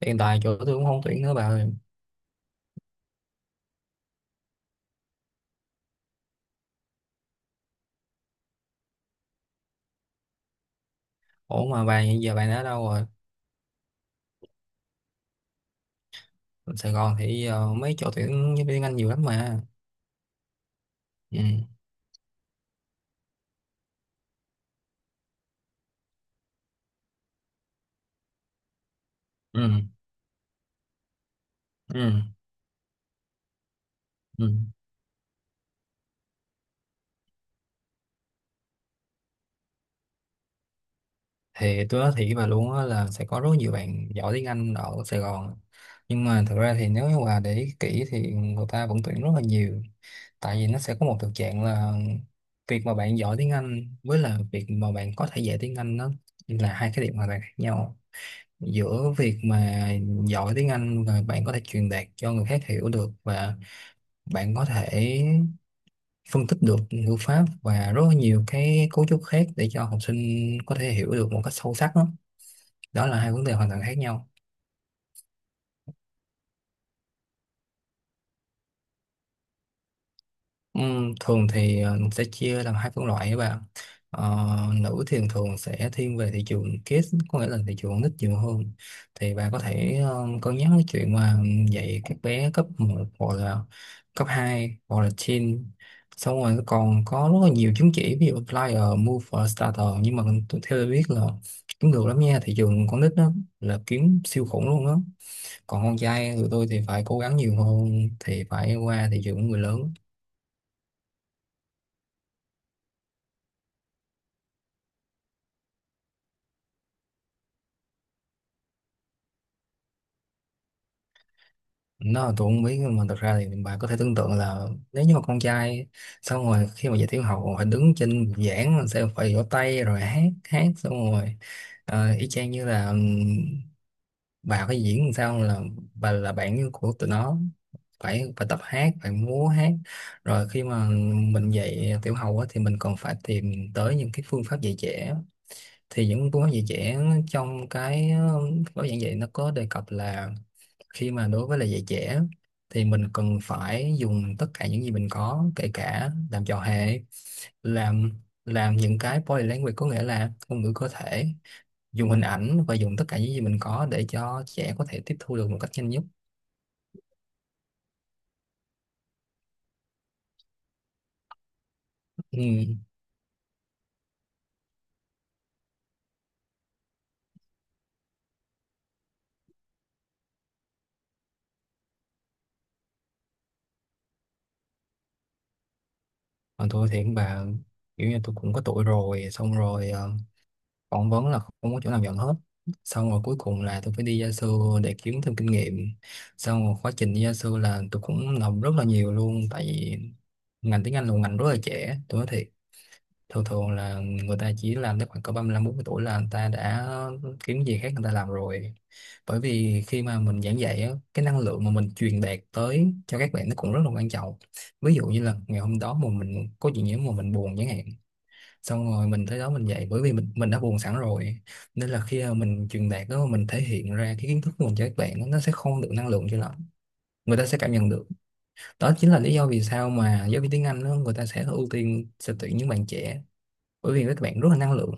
Hiện tại chỗ tôi cũng không tuyển nữa bà ơi. Ủa mà bà hiện giờ đã ở đâu rồi? Sài Gòn thì mấy chỗ tuyển giáo viên Anh nhiều lắm mà. Ừ. Ừ. Ừ. Ừ. Thì tôi nói thiệt với bà luôn á, là sẽ có rất nhiều bạn giỏi tiếng Anh ở Sài Gòn, nhưng mà thực ra thì nếu như bà để ý kỹ thì người ta vẫn tuyển rất là nhiều. Tại vì nó sẽ có một thực trạng là việc mà bạn giỏi tiếng Anh với là việc mà bạn có thể dạy tiếng Anh, nó là hai cái điểm hoàn toàn khác nhau. Giữa việc mà giỏi tiếng Anh và bạn có thể truyền đạt cho người khác hiểu được, và bạn có thể phân tích được ngữ pháp và rất là nhiều cái cấu trúc khác để cho học sinh có thể hiểu được một cách sâu sắc đó, đó là hai vấn đề hoàn toàn khác nhau. Thường thì mình sẽ chia làm hai phân loại các bạn. Ờ, Nữ thì thường sẽ thiên về thị trường kids, có nghĩa là thị trường con nít nhiều hơn. Thì bà có thể cân nhắc cái chuyện mà dạy các bé cấp một, hoặc là cấp hai, hoặc là teen. Xong rồi còn có rất là nhiều chứng chỉ, ví dụ flyer, move và starter, nhưng mà theo tôi biết là kiếm được lắm nha, thị trường con nít đó là kiếm siêu khủng luôn đó. Còn con trai tụi tôi thì phải cố gắng nhiều hơn, thì phải qua thị trường của người lớn. Nó tôi không biết, nhưng mà thật ra thì bà có thể tưởng tượng là nếu như mà con trai, xong rồi khi mà dạy tiểu học phải đứng trên giảng rồi sẽ phải vỗ tay rồi hát hát, xong rồi y chang như là, bà phải diễn làm sao là bà là bạn như của tụi nó, phải phải tập hát, phải múa hát. Rồi khi mà mình dạy tiểu học á, thì mình còn phải tìm tới những cái phương pháp dạy trẻ. Thì những phương pháp dạy trẻ trong cái gói giảng dạy, nó có đề cập là khi mà đối với lại dạy trẻ thì mình cần phải dùng tất cả những gì mình có, kể cả làm trò hề, làm làm những cái body language, có nghĩa là ngôn ngữ cơ thể, dùng hình ảnh và dùng tất cả những gì mình có để cho trẻ có thể tiếp thu được một cách nhanh nhất. Ừ. Còn tôi thì cũng bà, kiểu như tôi cũng có tuổi rồi, xong rồi phỏng vấn là không có chỗ nào nhận hết. Xong rồi cuối cùng là tôi phải đi gia sư để kiếm thêm kinh nghiệm. Xong rồi quá trình đi gia sư là tôi cũng làm rất là nhiều luôn, tại vì ngành tiếng Anh là một ngành rất là trẻ, tôi nói thiệt. Thường thường là người ta chỉ làm tới khoảng cỡ 35-40 tuổi là người ta đã kiếm gì khác người ta làm rồi. Bởi vì khi mà mình giảng dạy á, cái năng lượng mà mình truyền đạt tới cho các bạn nó cũng rất là quan trọng. Ví dụ như là ngày hôm đó mà mình có chuyện gì mà mình buồn chẳng hạn, xong rồi mình tới đó mình dạy, bởi vì mình đã buồn sẵn rồi, nên là khi mà mình truyền đạt đó, mình thể hiện ra cái kiến thức của mình cho các bạn đó, nó sẽ không được năng lượng cho lắm, người ta sẽ cảm nhận được. Đó chính là lý do vì sao mà giáo viên tiếng Anh đó, người ta sẽ ưu tiên, sẽ tuyển những bạn trẻ, bởi vì các bạn rất là năng lượng.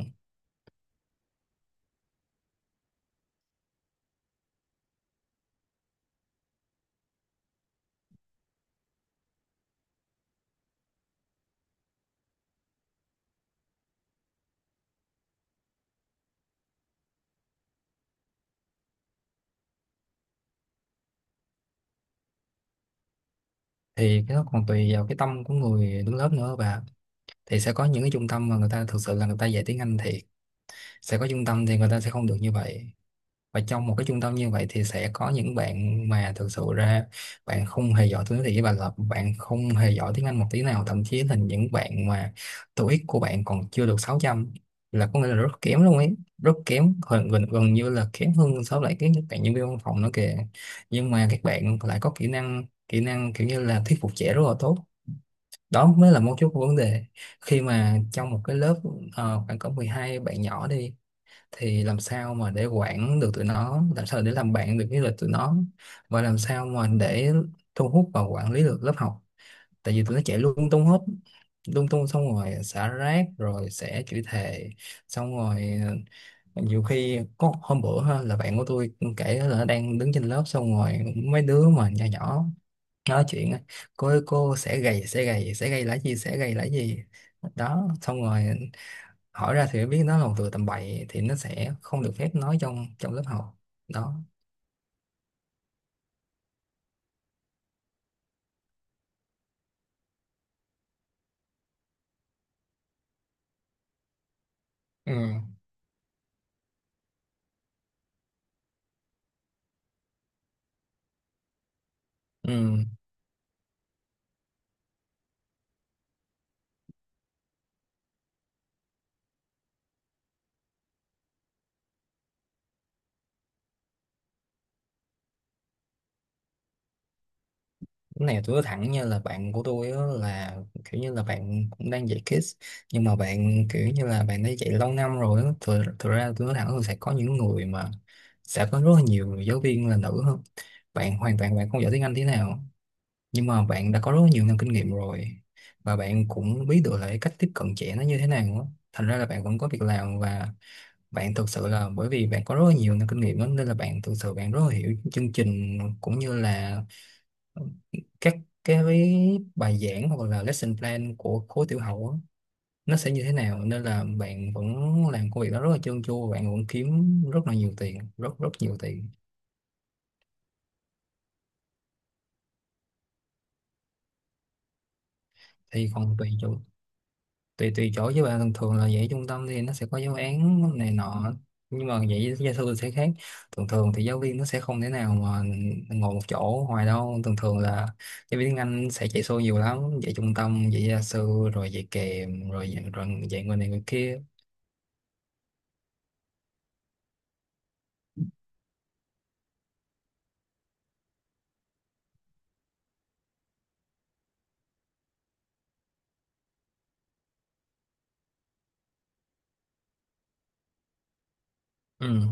Thì cái đó còn tùy vào cái tâm của người đứng lớp nữa, và thì sẽ có những cái trung tâm mà người ta thực sự là người ta dạy tiếng Anh, thì sẽ có trung tâm thì người ta sẽ không được như vậy. Và trong một cái trung tâm như vậy thì sẽ có những bạn mà thực sự ra bạn không hề giỏi tiếng Anh một tí nào, thậm chí là những bạn mà TOEIC của bạn còn chưa được 600, là có nghĩa là rất kém luôn ấy, rất kém, gần như là kém hơn so với lại cái bạn nhân viên văn phòng nữa kìa. Nhưng mà các bạn lại có kỹ năng kiểu như là thuyết phục trẻ rất là tốt. Đó mới là mấu chốt của vấn đề. Khi mà trong một cái lớp khoảng cỡ 12 bạn nhỏ đi, thì làm sao mà để quản được tụi nó, làm sao để làm bạn được với lại tụi nó, và làm sao mà để thu hút và quản lý được lớp học. Tại vì tụi nó chạy lung tung hết, lung tung, xong rồi xả rác, rồi sẽ chửi thề. Xong rồi nhiều khi có hôm bữa ha, là bạn của tôi kể là nó đang đứng trên lớp, xong rồi mấy đứa mà nhỏ nhỏ nói chuyện á, "cô ơi, cô sẽ gầy sẽ gầy sẽ gầy là gì, sẽ gầy là gì". Đó, xong rồi hỏi ra thì mới biết nó là một từ tầm bậy, thì nó sẽ không được phép nói trong trong lớp học đó. Ừ. Ừ. Cái này tôi nói thẳng, như là bạn của tôi á, là kiểu như là bạn cũng đang dạy kids, nhưng mà bạn kiểu như là bạn đã dạy lâu năm rồi á. Thực ra tôi nói thẳng là sẽ có những người mà sẽ có rất là nhiều giáo viên là nữ hơn, bạn hoàn toàn bạn không giỏi tiếng Anh thế nào, nhưng mà bạn đã có rất nhiều năm kinh nghiệm rồi, và bạn cũng biết được là cái cách tiếp cận trẻ nó như thế nào á. Thành ra là bạn vẫn có việc làm, và bạn thực sự là bởi vì bạn có rất là nhiều năm kinh nghiệm đó, nên là bạn thực sự bạn rất là hiểu chương trình, cũng như là ờ, các cái bài giảng hoặc là lesson plan của khối tiểu học á, nó sẽ như thế nào, nên là bạn vẫn làm công việc đó rất là trơn tru, bạn vẫn kiếm rất là nhiều tiền, rất rất nhiều tiền. Thì còn tùy chỗ, tùy tùy chỗ với bạn. Thường thường là dạy trung tâm thì nó sẽ có giáo án này nọ, nhưng mà dạy gia sư thì sẽ khác. Thường thường thì giáo viên nó sẽ không thể nào mà ngồi một chỗ hoài đâu, thường thường là giáo viên tiếng Anh sẽ chạy xô nhiều lắm, dạy trung tâm, dạy gia sư, rồi dạy kèm, rồi dạy người này người kia. Ừ.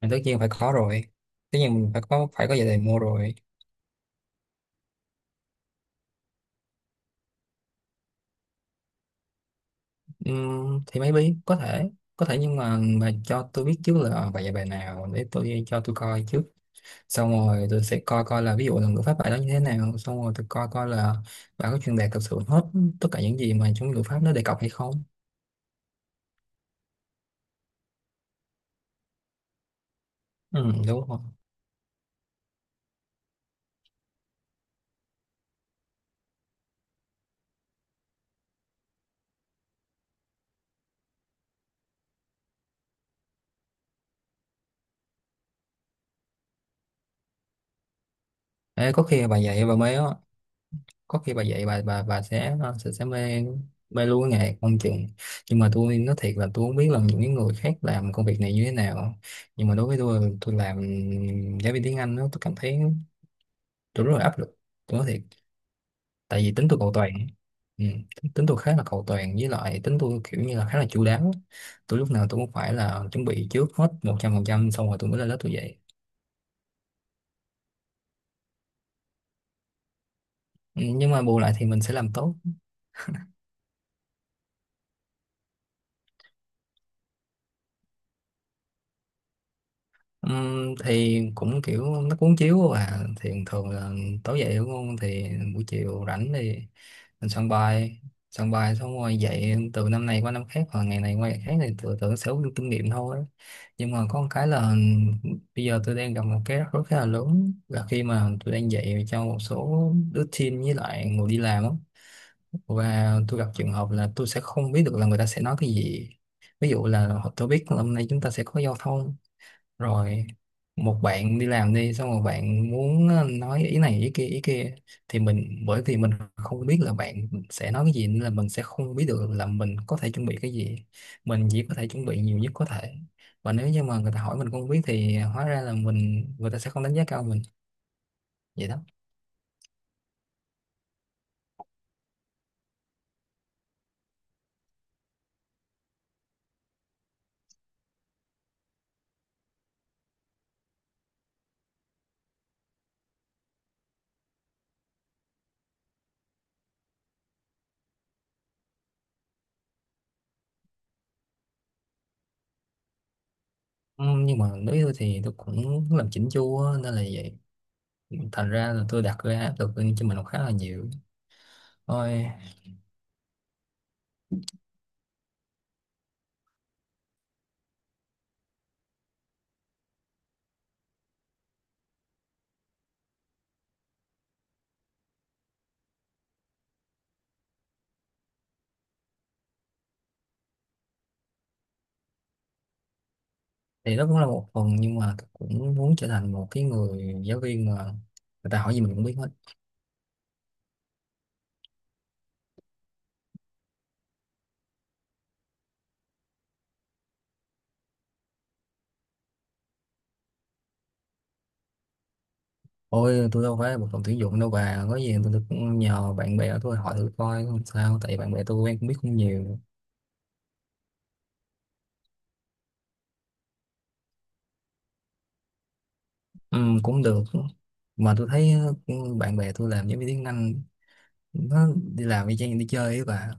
Thì tất nhiên phải có rồi, tất nhiên mình phải có dạy đề mua rồi. Thì maybe có thể, có thể, nhưng mà cho tôi biết trước là bài dạy bài nào để tôi, cho tôi coi trước, xong rồi tôi sẽ coi coi là ví dụ là ngữ pháp bài đó như thế nào, xong rồi tôi coi coi là bạn có truyền đạt thực sự hết tất cả những gì mà trong ngữ pháp nó đề cập hay không. Ừ, đúng rồi. Ê, có khi bà dạy bà mê á, có khi bà dạy bà sẽ, sẽ mê, mê luôn cái nghề không chừng. Nhưng mà tôi nói thiệt là tôi không biết là những cái người khác làm công việc này như thế nào, nhưng mà đối với tôi làm giáo viên tiếng Anh đó, tôi cảm thấy tôi rất là áp lực, tôi nói thiệt. Tại vì tính tôi cầu toàn. Ừ. Tính tôi khá là cầu toàn, với lại tính tôi kiểu như là khá là chu đáo, tôi lúc nào tôi cũng phải là chuẩn bị trước hết 100%, xong rồi tôi mới lên lớp tôi dạy. Ừ, nhưng mà bù lại thì mình sẽ làm tốt. Thì cũng kiểu nó cuốn chiếu, và thì thường là tối dậy đúng không, thì buổi chiều rảnh thì mình soạn bài, soạn bài xong rồi dạy từ năm này qua năm khác, hoặc ngày này qua ngày khác, thì tự tưởng sẽ có kinh nghiệm thôi. Nhưng mà có một cái là bây giờ tôi đang gặp một cái rắc rối khá là lớn, là khi mà tôi đang dạy cho một số đứa teen với lại người đi làm á, và tôi gặp trường hợp là tôi sẽ không biết được là người ta sẽ nói cái gì. Ví dụ là tôi biết là hôm nay chúng ta sẽ có giao thông, rồi một bạn đi làm đi, xong rồi bạn muốn nói ý này ý kia ý kia, thì mình, bởi vì mình không biết là bạn sẽ nói cái gì, nên là mình sẽ không biết được là mình có thể chuẩn bị cái gì, mình chỉ có thể chuẩn bị nhiều nhất có thể. Và nếu như mà người ta hỏi mình không biết thì hóa ra là mình, người ta sẽ không đánh giá cao mình. Vậy đó. Ừ, nhưng mà đối với tôi thì tôi cũng làm chỉnh chu á, nên là vậy, thành ra là tôi đặt ra áp lực lên cho mình cũng khá là nhiều thôi. Thì nó cũng là một phần, nhưng mà cũng muốn trở thành một cái người giáo viên mà người ta hỏi gì mình cũng biết hết. Ôi, tôi đâu phải một phòng tuyển dụng đâu bà, có gì tôi cũng nhờ bạn bè của tôi hỏi thử coi, không sao, tại bạn bè tôi quen cũng biết không nhiều. Ừ, cũng được. Mà tôi thấy, ừ, bạn bè tôi làm giáo viên tiếng Anh, nó đi làm y chang đi chơi ấy bà,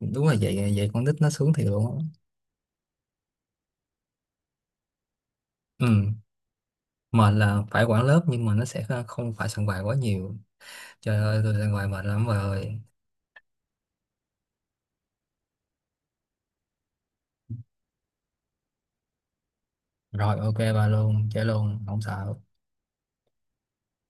đúng là vậy, vậy con nít nó sướng thiệt luôn á. Ừ. Mệt là phải quản lớp, nhưng mà nó sẽ không phải soạn bài quá nhiều. Trời ơi, tôi soạn bài mệt lắm bà ơi. Rồi, ok bà, luôn chơi luôn không sợ.